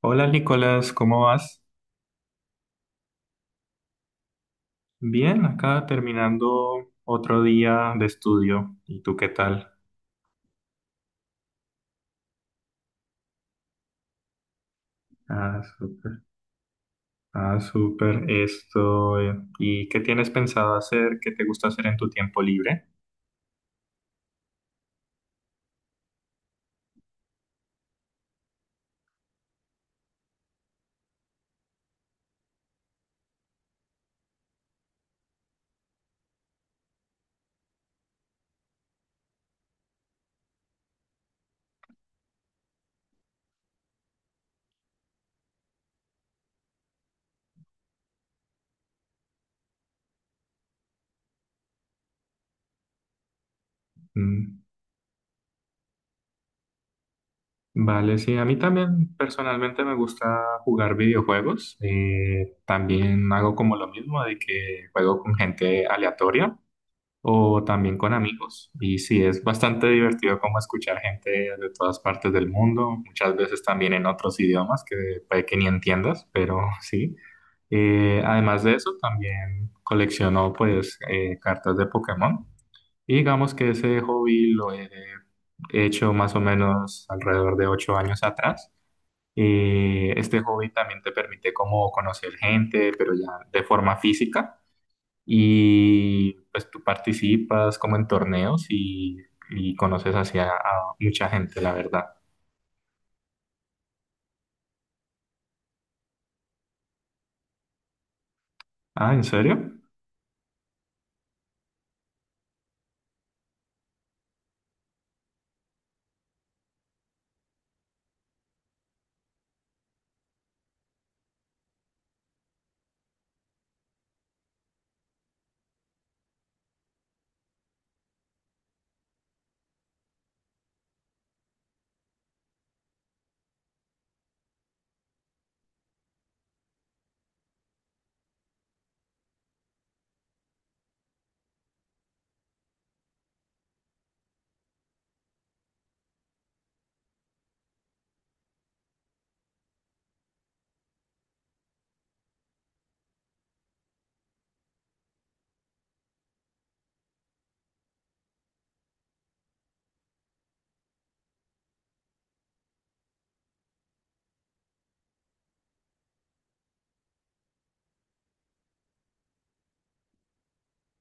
Hola Nicolás, ¿cómo vas? Bien, acá terminando otro día de estudio. ¿Y tú qué tal? Ah, súper. Ah, súper. Esto. ¿Y qué tienes pensado hacer? ¿Qué te gusta hacer en tu tiempo libre? Mm, vale, sí, a mí también personalmente me gusta jugar videojuegos. También hago como lo mismo de que juego con gente aleatoria, o también con amigos. Y sí, es bastante divertido como escuchar gente de todas partes del mundo, muchas veces también en otros idiomas que puede que ni entiendas, pero sí. Además de eso, también colecciono, pues cartas de Pokémon. Y digamos que ese hobby lo he hecho más o menos alrededor de 8 años atrás. Este hobby también te permite como conocer gente, pero ya de forma física, y pues tú participas como en torneos y, conoces hacia a mucha gente, la verdad. Ah, ¿en serio?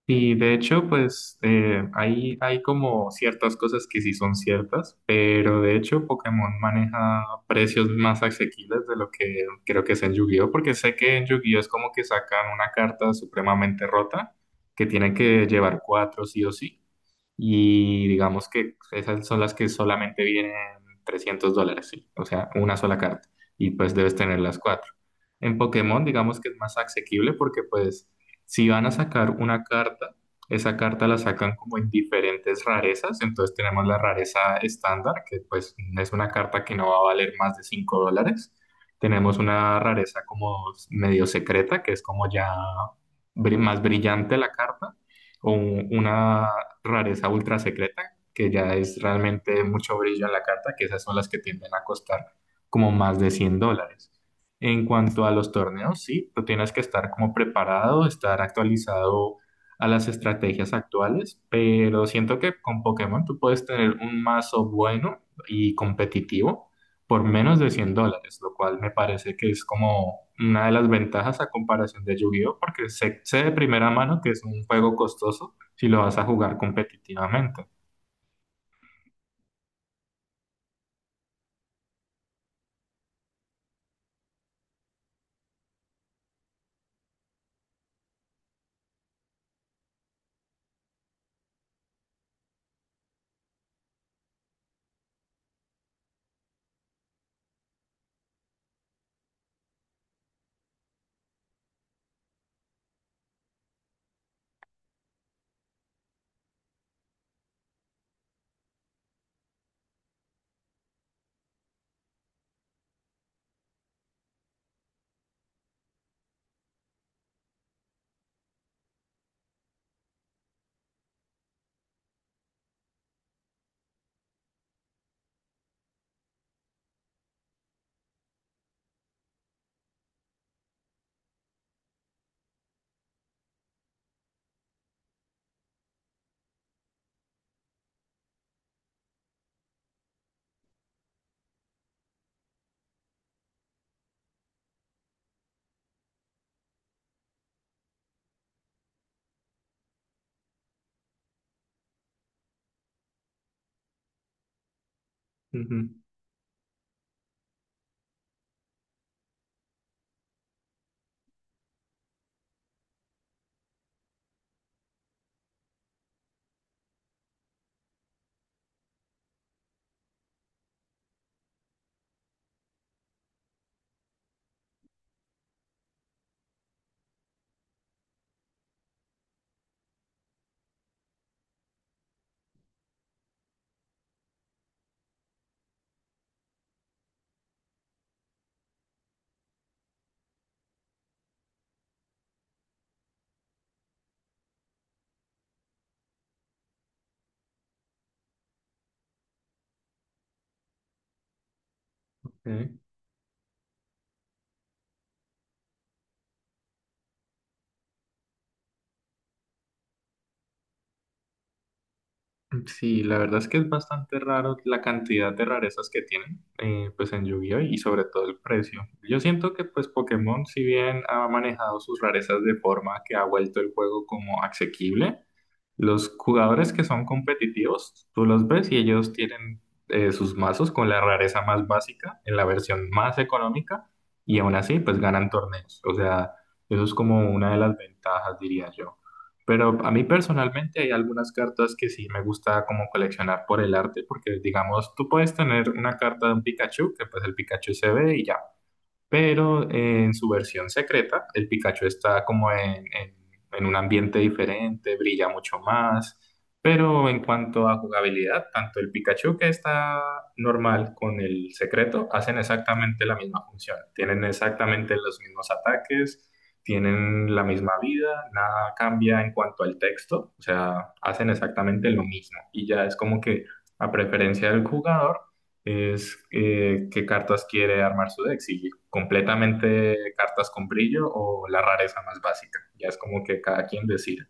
Y de hecho, pues hay como ciertas cosas que sí son ciertas, pero de hecho Pokémon maneja precios más asequibles de lo que creo que es en Yu-Gi-Oh, porque sé que en Yu-Gi-Oh es como que sacan una carta supremamente rota que tienen que llevar cuatro sí o sí, y digamos que esas son las que solamente vienen $300, sí. O sea, una sola carta, y pues debes tener las cuatro. En Pokémon, digamos que es más asequible porque pues si van a sacar una carta, esa carta la sacan como en diferentes rarezas. Entonces tenemos la rareza estándar, que pues es una carta que no va a valer más de $5. Tenemos una rareza como medio secreta, que es como ya más brillante la carta. Una rareza ultra secreta, que ya es realmente mucho brillo en la carta, que esas son las que tienden a costar como más de $100. En cuanto a los torneos, sí, tú tienes que estar como preparado, estar actualizado a las estrategias actuales, pero siento que con Pokémon tú puedes tener un mazo bueno y competitivo por menos de $100, lo cual me parece que es como una de las ventajas a comparación de Yu-Gi-Oh, porque sé de primera mano que es un juego costoso si lo vas a jugar competitivamente. Ujú. Ok. Mm, sí, la verdad es que es bastante raro la cantidad de rarezas que tienen, pues en Yu-Gi-Oh! Y sobre todo el precio. Yo siento que pues Pokémon, si bien ha manejado sus rarezas de forma que ha vuelto el juego como asequible, los jugadores que son competitivos, tú los ves y ellos tienen sus mazos con la rareza más básica en la versión más económica, y aún así pues ganan torneos. O sea, eso es como una de las ventajas, diría yo. Pero a mí personalmente hay algunas cartas que sí me gusta como coleccionar por el arte, porque digamos, tú puedes tener una carta de un Pikachu, que pues el Pikachu se ve y ya, pero en su versión secreta, el Pikachu está como en un ambiente diferente, brilla mucho más, pero en cuanto a jugabilidad, tanto el Pikachu que está normal con el secreto hacen exactamente la misma función, tienen exactamente los mismos ataques. Tienen la misma vida, nada cambia en cuanto al texto, o sea, hacen exactamente lo mismo. Y ya es como que a preferencia del jugador, es qué cartas quiere armar su deck, si completamente cartas con brillo o la rareza más básica. Ya es como que cada quien decide.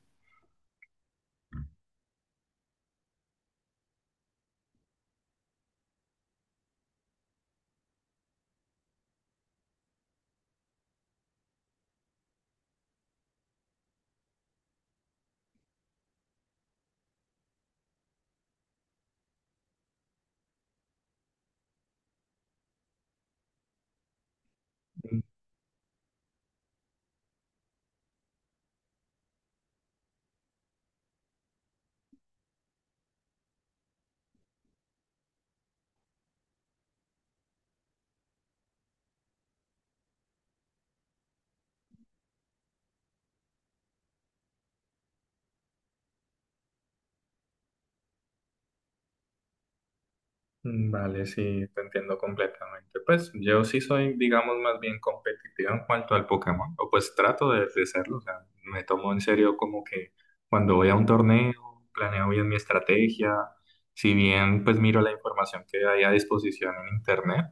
Mm, vale, sí, te entiendo completamente. Pues yo sí soy, digamos, más bien competitivo en cuanto al Pokémon, o pues trato de serlo, o sea, me tomo en serio como que cuando voy a un torneo, planeo bien mi estrategia, si bien pues miro la información que hay a disposición en internet.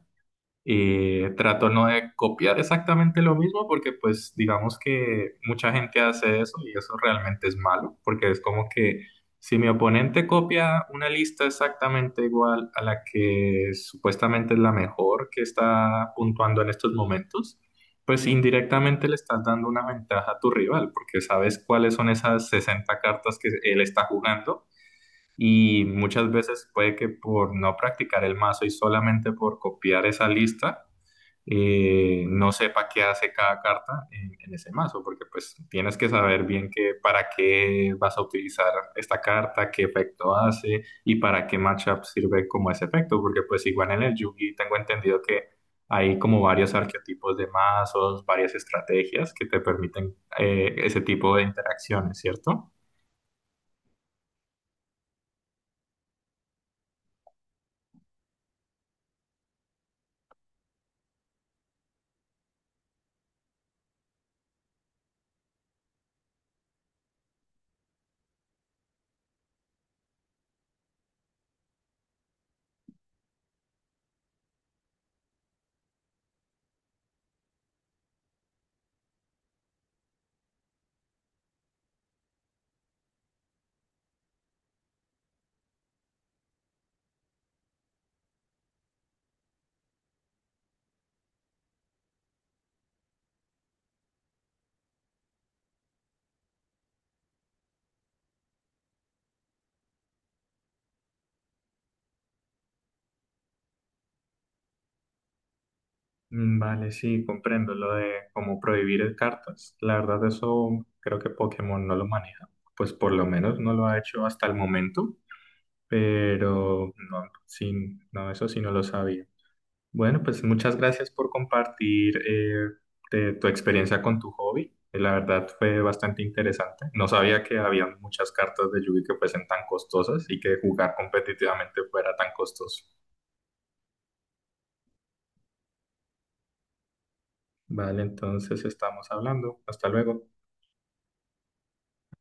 Trato no de copiar exactamente lo mismo porque pues digamos que mucha gente hace eso y eso realmente es malo porque es como que si mi oponente copia una lista exactamente igual a la que supuestamente es la mejor que está puntuando en estos momentos, pues indirectamente le estás dando una ventaja a tu rival porque sabes cuáles son esas 60 cartas que él está jugando. Y muchas veces puede que por no practicar el mazo y solamente por copiar esa lista, no sepa qué hace cada carta en ese mazo, porque pues tienes que saber bien qué, para qué vas a utilizar esta carta, qué efecto hace y para qué matchup sirve como ese efecto, porque pues igual en el Yugi tengo entendido que hay como varios arquetipos de mazos, varias estrategias que te permiten ese tipo de interacciones, ¿cierto? Mm, vale, sí, comprendo lo de cómo prohibir cartas. La verdad, eso creo que Pokémon no lo maneja. Pues por lo menos no lo ha hecho hasta el momento, pero no, sí, no, eso sí no lo sabía. Bueno, pues muchas gracias por compartir de tu experiencia con tu hobby. La verdad fue bastante interesante. No sabía que había muchas cartas de Yu-Gi que fuesen tan costosas y que jugar competitivamente fuera tan costoso. Vale, entonces estamos hablando. Hasta luego.